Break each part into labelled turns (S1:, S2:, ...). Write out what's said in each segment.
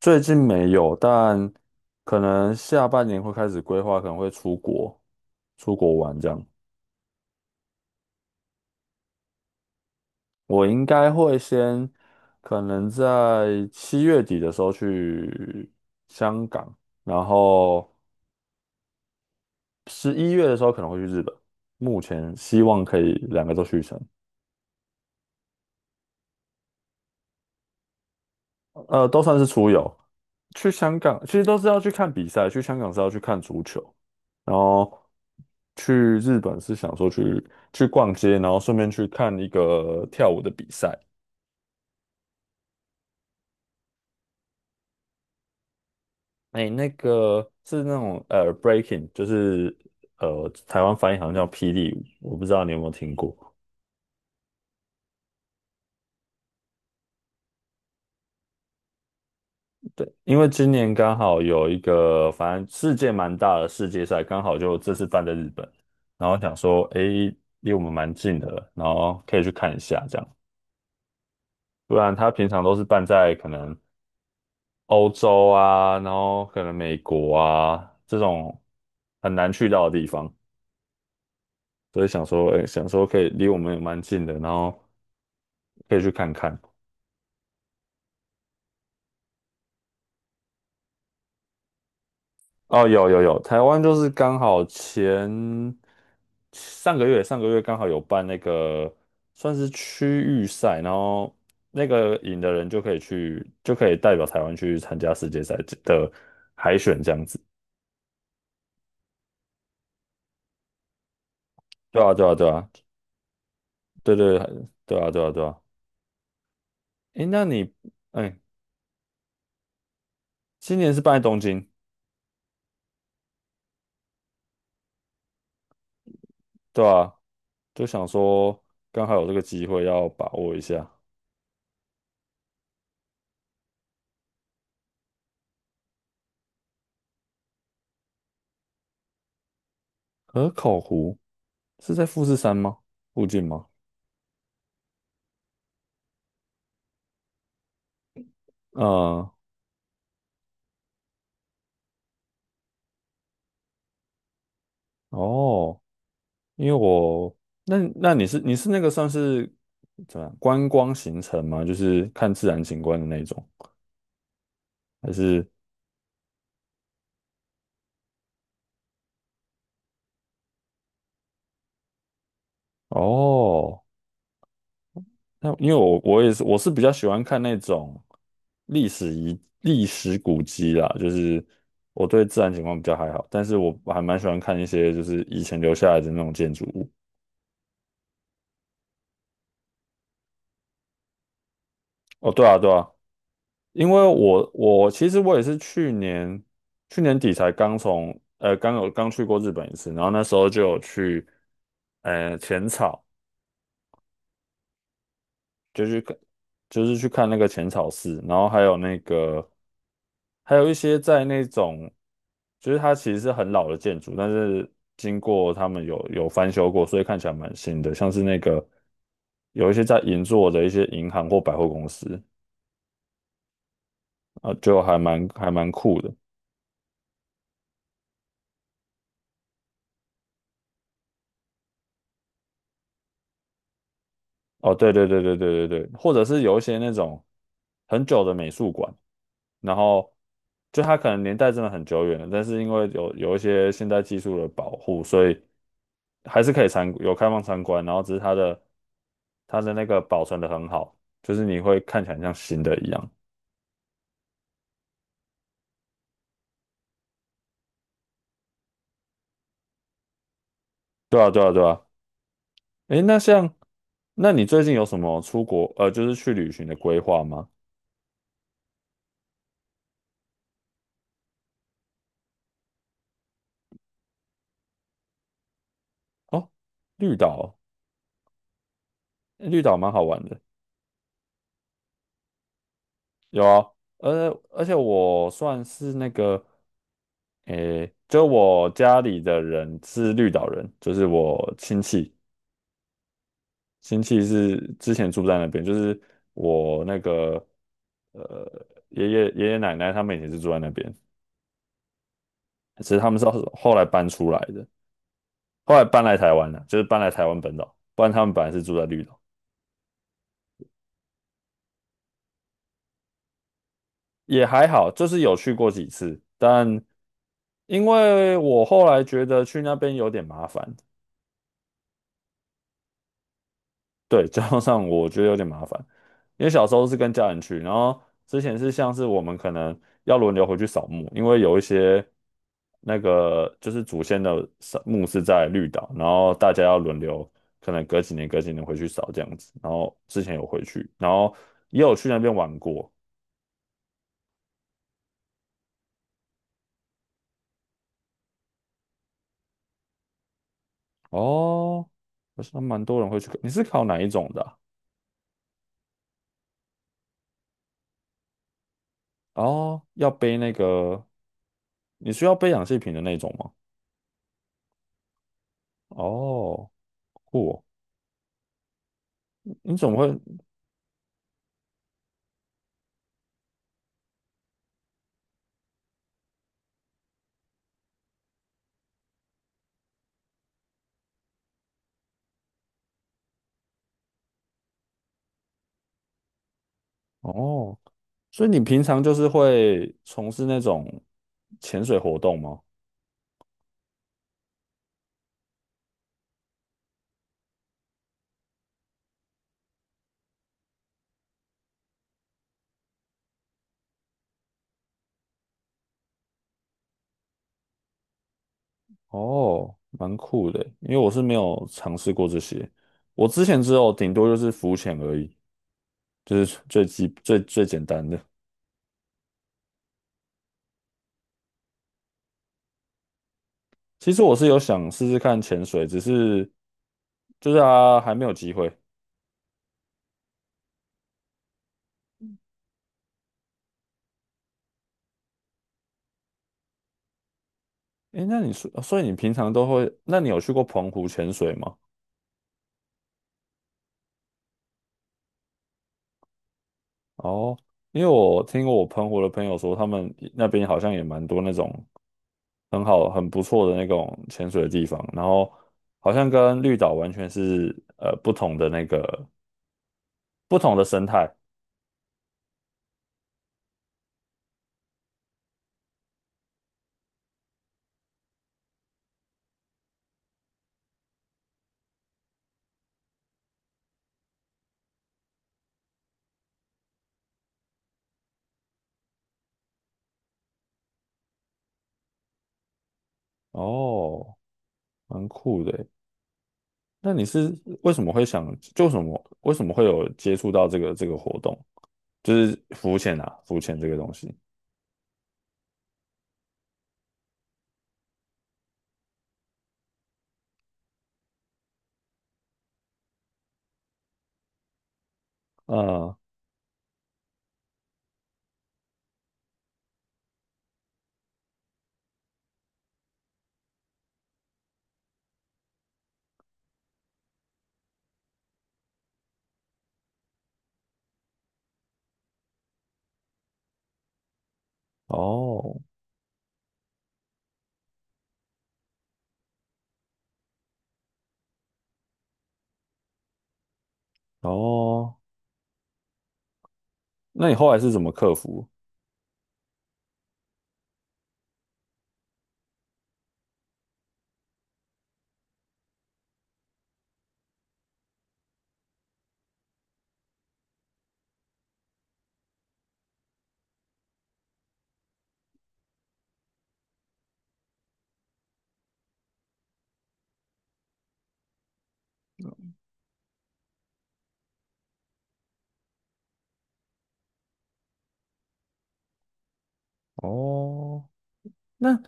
S1: 最近没有，但可能下半年会开始规划，可能会出国，出国玩这样。我应该会先，可能在7月底的时候去香港，然后11月的时候可能会去日本。目前希望可以2个都去成，都算是出游。去香港其实都是要去看比赛，去香港是要去看足球，然后去日本是想说去逛街，然后顺便去看1个跳舞的比赛。哎，那个是那种breaking，就是台湾翻译好像叫霹雳舞，我不知道你有没有听过。对，因为今年刚好有1个，反正世界蛮大的世界赛，刚好就这次办在日本，然后想说，诶，离我们蛮近的，然后可以去看一下这样。不然他平常都是办在可能欧洲啊，然后可能美国啊这种很难去到的地方，所以想说，哎，想说可以离我们也蛮近的，然后可以去看看。哦，有有有，台湾就是刚好前上个月上个月刚好有办那个算是区域赛，然后那个赢的人就可以代表台湾去参加世界赛的海选这样子。对啊对啊对啊对对对啊对啊对啊。诶，哎，今年是办在东京，对吧。就想说刚好有这个机会要把握一下。河口湖是在富士山吗？附近吗？嗯。哦，因为那你是那个算是怎么样观光行程吗？就是看自然景观的那种，还是哦？那因为我是比较喜欢看那种历史古迹啦，就是我对自然景观比较还好，但是我还蛮喜欢看一些就是以前留下来的那种建筑物。哦，对啊，对啊，因为我其实我也是去年底才刚从呃刚有刚去过日本1次，然后那时候就有去浅草。就去看，就是去看那个浅草寺，然后还有那个，还有一些在那种，就是它其实是很老的建筑，但是经过他们有翻修过，所以看起来蛮新的，像是那个有一些在银座的一些银行或百货公司，啊，就还蛮酷的。哦，对对对对对对对，或者是有一些那种很久的美术馆，然后就它可能年代真的很久远了，但是因为有一些现代技术的保护，所以还是可以有开放参观，然后只是它的那个保存的很好，就是你会看起来像新的一样。对啊，对啊，对啊。诶，那你最近有什么出国就是去旅行的规划吗？哦，绿岛，绿岛蛮好玩的。有啊，而且我算是那个，诶，就我家里的人是绿岛人，就是我亲戚，亲戚是之前住在那边，就是我那个呃爷爷奶奶他们也是住在那边，其实他们是后来搬出来的，后来搬来台湾了，就是搬来台湾本岛，不然他们本来是住在绿岛，也还好，就是有去过几次，但因为我后来觉得去那边有点麻烦。对，交通上我觉得有点麻烦，因为小时候是跟家人去，然后之前是像是我们可能要轮流回去扫墓，因为有一些那个就是祖先的扫墓是在绿岛，然后大家要轮流，可能隔几年隔几年回去扫这样子，然后之前有回去，然后也有去那边玩过。哦，好像蛮多人会去，你是考哪1种的啊？哦，要背那个，你需要背氧气瓶的那种吗？哦，酷哦。你怎么会？哦，所以你平常就是会从事那种潜水活动吗？哦，蛮酷的，因为我是没有尝试过这些，我之前只有顶多就是浮潜而已，就是最最简单的。其实我是有想试试看潜水，只是就是啊还没有机会。诶，那你说，所以你平常都会，那你有去过澎湖潜水吗？哦，因为我听过我澎湖的朋友说，他们那边好像也蛮多那种很好、很不错的那种潜水的地方，然后好像跟绿岛完全是不同的那个不同的生态。哦，蛮酷的耶。那你是为什么会想，就什么为什么会有接触到这个活动，就是浮潜啊，浮潜这个东西。嗯。哦哦，那你后来是怎么克服？哦，那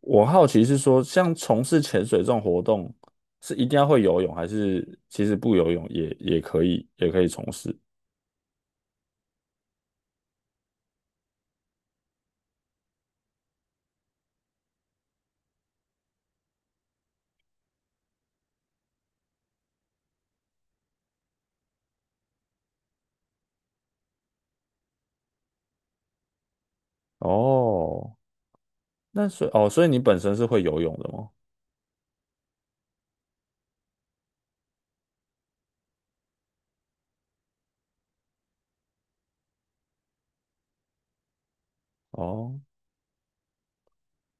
S1: 我好奇是说，像从事潜水这种活动，是一定要会游泳，还是其实不游泳也可以，也可以从事？哦，那所以哦，所以你本身是会游泳的吗？哦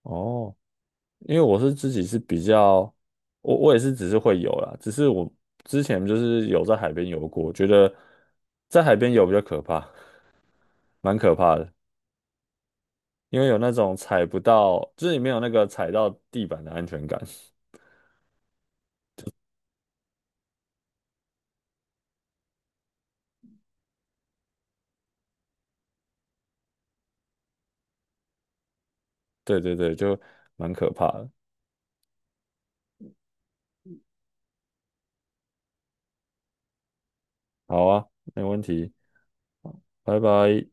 S1: 哦，因为自己是比较，我也是只是会游啦，只是我之前就是有在海边游过，觉得在海边游比较可怕，蛮可怕的，因为有那种踩不到，就是你没有那个踩到地板的安全感。对对对，就蛮可怕的。好啊，没问题，拜拜。